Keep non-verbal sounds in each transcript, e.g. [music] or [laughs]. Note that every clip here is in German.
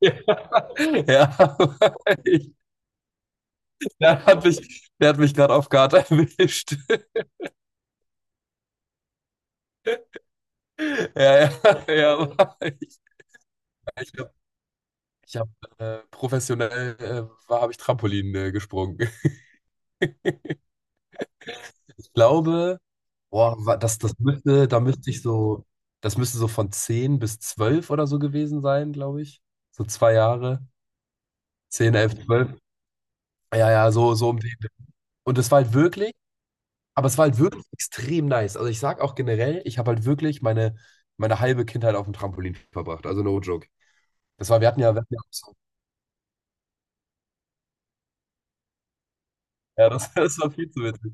Ja, [laughs] ja. [laughs] ich, Der hat mich gerade auf Guard erwischt. [laughs] Ja, ja, ja. [laughs] Ich habe ich hab, professionell war, habe ich Trampolin gesprungen. [laughs] Ich glaube, boah, wa- das, das müsste, da müsste ich so, das müsste so von 10 bis 12 oder so gewesen sein, glaube ich. So 2 Jahre. 10, 11, 12 Ja, ja, so, so um den. Und es war halt wirklich. Aber es war halt wirklich extrem nice. Also ich sag auch generell, ich habe halt wirklich meine, meine halbe Kindheit auf dem Trampolin verbracht. Also no joke. Das war, wir hatten ja, auch so- ja das [laughs] das war viel zu witzig.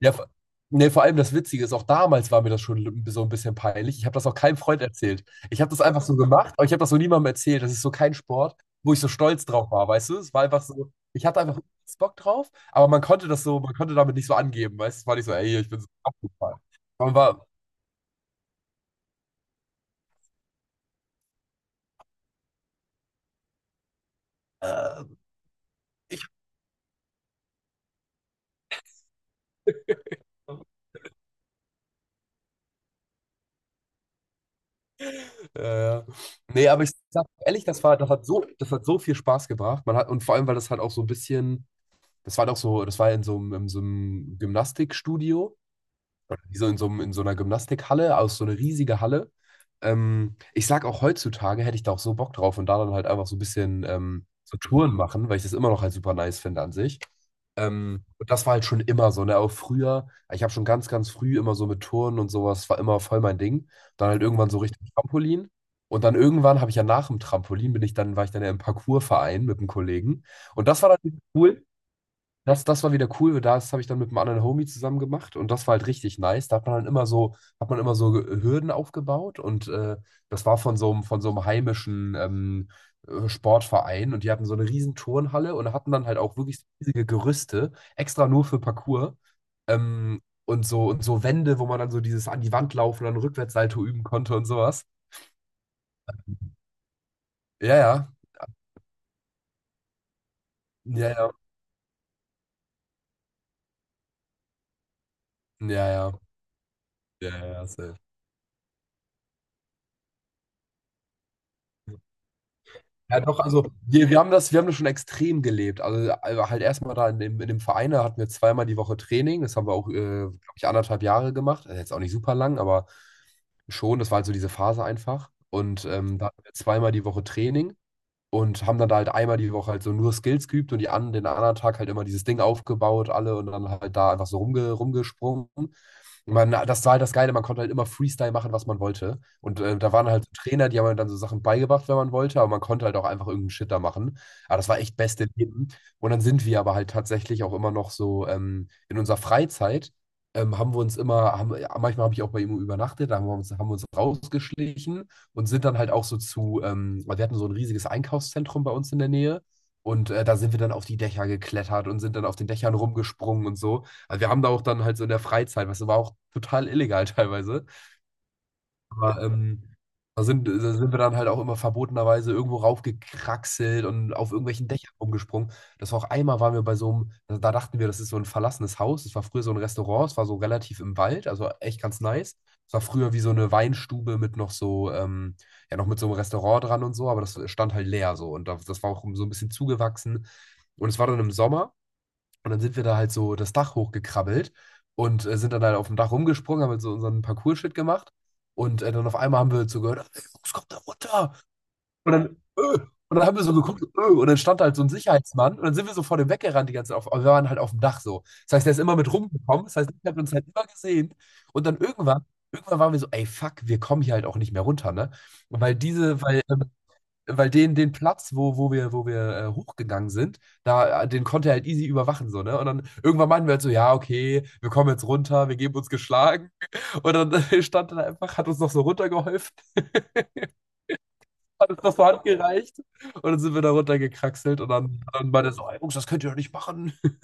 Ja, vor- vor allem das Witzige ist, auch damals war mir das schon so ein bisschen peinlich. Ich habe das auch keinem Freund erzählt. Ich habe das einfach so gemacht, aber ich habe das so niemandem erzählt. Das ist so kein Sport, wo ich so stolz drauf war, weißt du? Es war einfach so, ich hatte einfach Bock drauf, aber man konnte damit nicht so angeben, weißt du? Es war nicht so, ey, ich bin so abgefallen. Man war, äh, ich. [laughs] Ja, ja. Nee, aber ich sag ehrlich, das hat so viel Spaß gebracht. Und vor allem, weil das halt auch so ein bisschen, das war doch so, das war in so einem Gymnastikstudio, wie in so einer Gymnastikhalle, aus so einer riesigen Halle. Ich sag auch heutzutage hätte ich da auch so Bock drauf und da dann halt einfach so ein bisschen so Touren machen, weil ich das immer noch halt super nice finde an sich. Und das war halt schon immer so, ne? Auch früher, ich habe schon ganz, ganz früh immer so mit Touren und sowas, war immer voll mein Ding. Dann halt irgendwann so Richtung Trampolin. Und dann irgendwann habe ich ja nach dem Trampolin, bin ich dann, war ich dann ja im Parkourverein mit einem Kollegen. Und das war wieder cool, weil das habe ich dann mit einem anderen Homie zusammen gemacht und das war halt richtig nice. Da hat man immer so Ge- Hürden aufgebaut und das war von so einem heimischen Sportverein und die hatten so eine riesen Turnhalle und hatten dann halt auch wirklich riesige Gerüste, extra nur für Parkour, und so Wände, wo man dann so dieses an die Wand laufen und dann Rückwärtssalto üben konnte und sowas. Ja, ja, ja, ja, ja, ja, ja, ja, ja, safe. Ja, doch, also wir haben das schon extrem gelebt. Also halt erstmal in dem Verein, da hatten wir zweimal die Woche Training. Das haben wir auch, glaube ich, 1,5 Jahre gemacht. Also jetzt auch nicht super lang, aber schon, das war halt so diese Phase einfach. Und da hatten wir zweimal die Woche Training und haben dann da halt einmal die Woche halt so nur Skills geübt und den anderen Tag halt immer dieses Ding aufgebaut, alle und dann halt da einfach so rumgesprungen. Und das war halt das Geile, man konnte halt immer Freestyle machen, was man wollte. Und da waren halt so Trainer, die haben einem dann so Sachen beigebracht, wenn man wollte, aber man konnte halt auch einfach irgendeinen Shit da machen. Aber das war echt beste Leben. Und dann sind wir aber halt tatsächlich auch immer noch so, in unserer Freizeit. Haben wir uns immer, haben, Manchmal habe ich auch bei ihm übernachtet, da haben wir uns rausgeschlichen und sind dann halt auch so zu, weil wir hatten so ein riesiges Einkaufszentrum bei uns in der Nähe. Und da sind wir dann auf die Dächer geklettert und sind dann auf den Dächern rumgesprungen und so. Also wir haben da auch dann halt so in der Freizeit, was war auch total illegal, [laughs] teilweise, aber da sind wir dann halt auch immer verbotenerweise irgendwo raufgekraxelt und auf irgendwelchen Dächern rumgesprungen. Das war auch einmal, waren wir bei so einem, da dachten wir, das ist so ein verlassenes Haus. Das war früher so ein Restaurant, es war so relativ im Wald, also echt ganz nice. Es war früher wie so eine Weinstube mit noch so, ja, noch mit so einem Restaurant dran und so, aber das stand halt leer so. Und das war auch so ein bisschen zugewachsen. Und es war dann im Sommer. Und dann sind wir da halt so das Dach hochgekrabbelt und sind dann halt auf dem Dach rumgesprungen, haben halt so unseren Parcours-Shit gemacht. Und dann auf einmal haben wir so gehört, ey, Jungs, kommt da runter. Und dann, äh, und dann haben wir so geguckt, und dann stand da halt so ein Sicherheitsmann. Und dann sind wir so vor dem weggerannt die ganze Zeit. Aber wir waren halt auf dem Dach so. Das heißt, der ist immer mit rumgekommen. Das heißt, er hat uns halt immer gesehen. Und dann irgendwann waren wir so, ey, fuck, wir kommen hier halt auch nicht mehr runter, ne? Weil diese, weil weil den, den Platz, wo wir hochgegangen sind, den konnte er halt easy überwachen, so, ne? Und dann irgendwann meinten wir halt so, ja, okay, wir kommen jetzt runter, wir geben uns geschlagen. Und dann [laughs] stand er da einfach, hat uns noch so runtergeholfen, [laughs] hat uns noch so Hand gereicht. Und dann sind wir da runtergekraxelt und dann, dann meinte er so: "Ey, Jungs, das könnt ihr doch nicht machen." [laughs]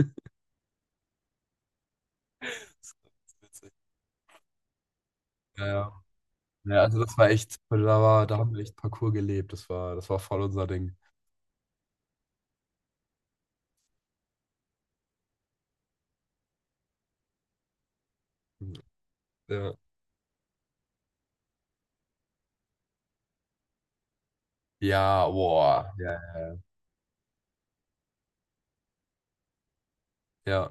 Das ist witzig. Ja, ja. Ja, also das war echt, da war, da haben wir echt Parcours gelebt. Das war voll unser Ding. Ja, ja, boah. Ja, ja,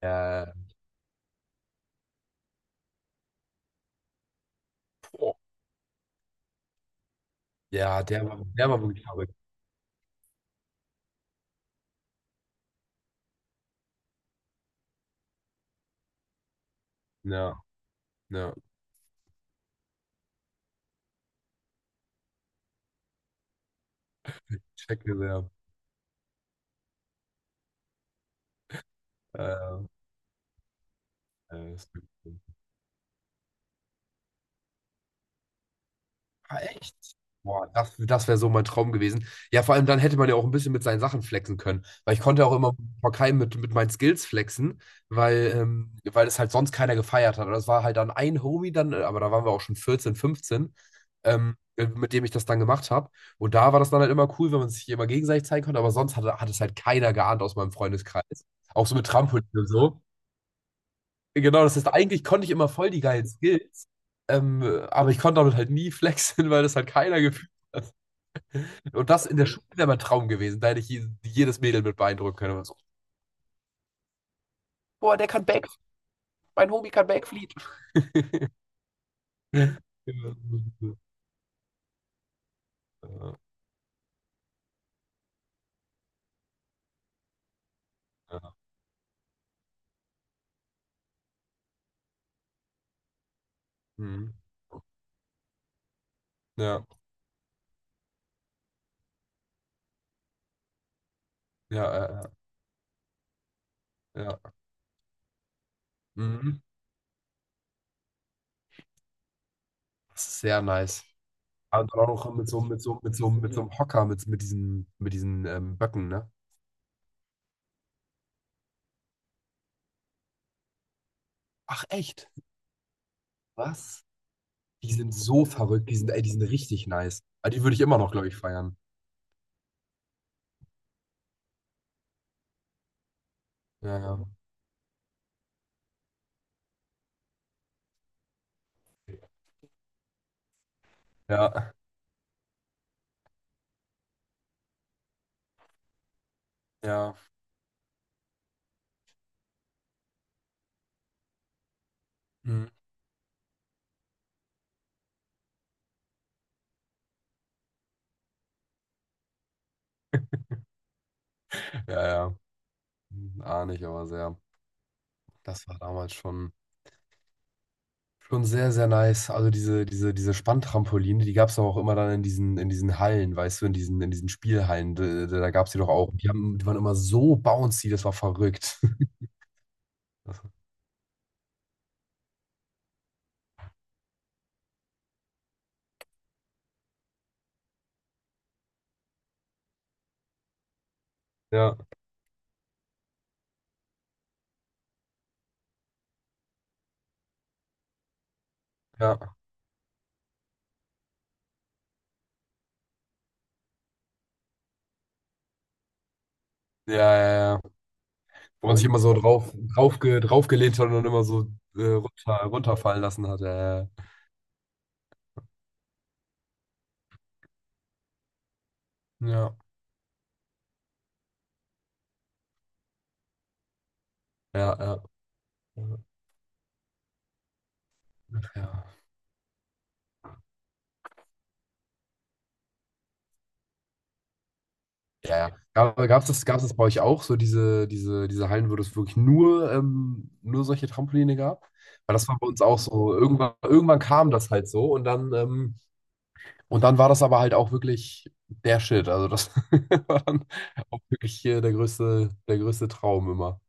ja. Boah. Ja, der war wirklich verrückt. Ja, ja. Checke sehr. Äh, ist wirklich- cool. Ah, echt? Boah, das, das wäre so mein Traum gewesen. Ja, vor allem dann hätte man ja auch ein bisschen mit seinen Sachen flexen können. Weil ich konnte ja auch immer vor keinem mit meinen Skills flexen, weil es halt sonst keiner gefeiert hat. Aber das war halt dann ein Homie dann, aber da waren wir auch schon 14, 15, mit dem ich das dann gemacht habe. Und da war das dann halt immer cool, wenn man sich immer gegenseitig zeigen konnte. Aber sonst hat es halt keiner geahnt aus meinem Freundeskreis. Auch so mit Trampolin und so. Genau, das heißt, eigentlich konnte ich immer voll die geilen Skills, ähm, aber ich konnte damit halt nie [laughs] flexen, weil das halt keiner gefühlt hat. Und das in der Schule wäre mein Traum gewesen, da hätte ich jedes Mädel mit beeindrucken können. Und so, boah, der kann Back, mein Homie kann Backfliegen. [laughs] Ja, ja, mhm. Ja, ja, ja, ja, ja. Mhm. Das ist sehr nice. Und dann auch noch mit so, mit so, mit so, mit so einem Hocker, mit diesen Böcken, ne? Ach, echt? Was? Die sind so verrückt, die sind, ey, die sind richtig nice. Aber die würde ich immer noch, glaube ich, feiern. Ja, ja. Ja, ja. Mhm. Ja, ja. Hm, ahne ich aber sehr. Das war damals schon, schon sehr, sehr nice. Also diese, diese, diese Spanntrampoline, die gab es auch immer dann in diesen Hallen, weißt du, in diesen Spielhallen. Da, da da gab es die doch auch. Die waren immer so bouncy, das war verrückt. [laughs] Das- Ja, ja. Ja, ja, ja. Wo man sich immer so draufgelehnt hat und dann immer so runterfallen lassen hat. Ja, ja. Ja, ja, ja. Ja, ja. Gab's das bei euch auch, so diese, diese, diese Hallen, wo es wirklich nur, nur solche Trampoline gab? Weil das war bei uns auch so. Irgendwann, irgendwann kam das halt so und dann, und dann war das aber halt auch wirklich der Shit. Also das [laughs] war dann auch wirklich hier der größte Traum immer.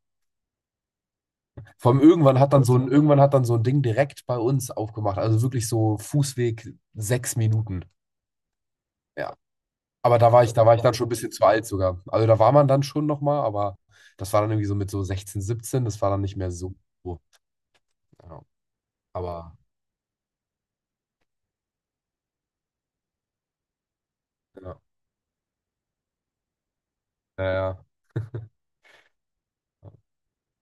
Vor allem irgendwann hat dann so ein, irgendwann hat dann so ein Ding direkt bei uns aufgemacht. Also wirklich so Fußweg 6 Minuten. Ja. Aber da war ich dann schon ein bisschen zu alt sogar. Also da war man dann schon nochmal, aber das war dann irgendwie so mit so 16, 17 das war dann nicht mehr so. Oh, ja. Aber ja, ja, ja.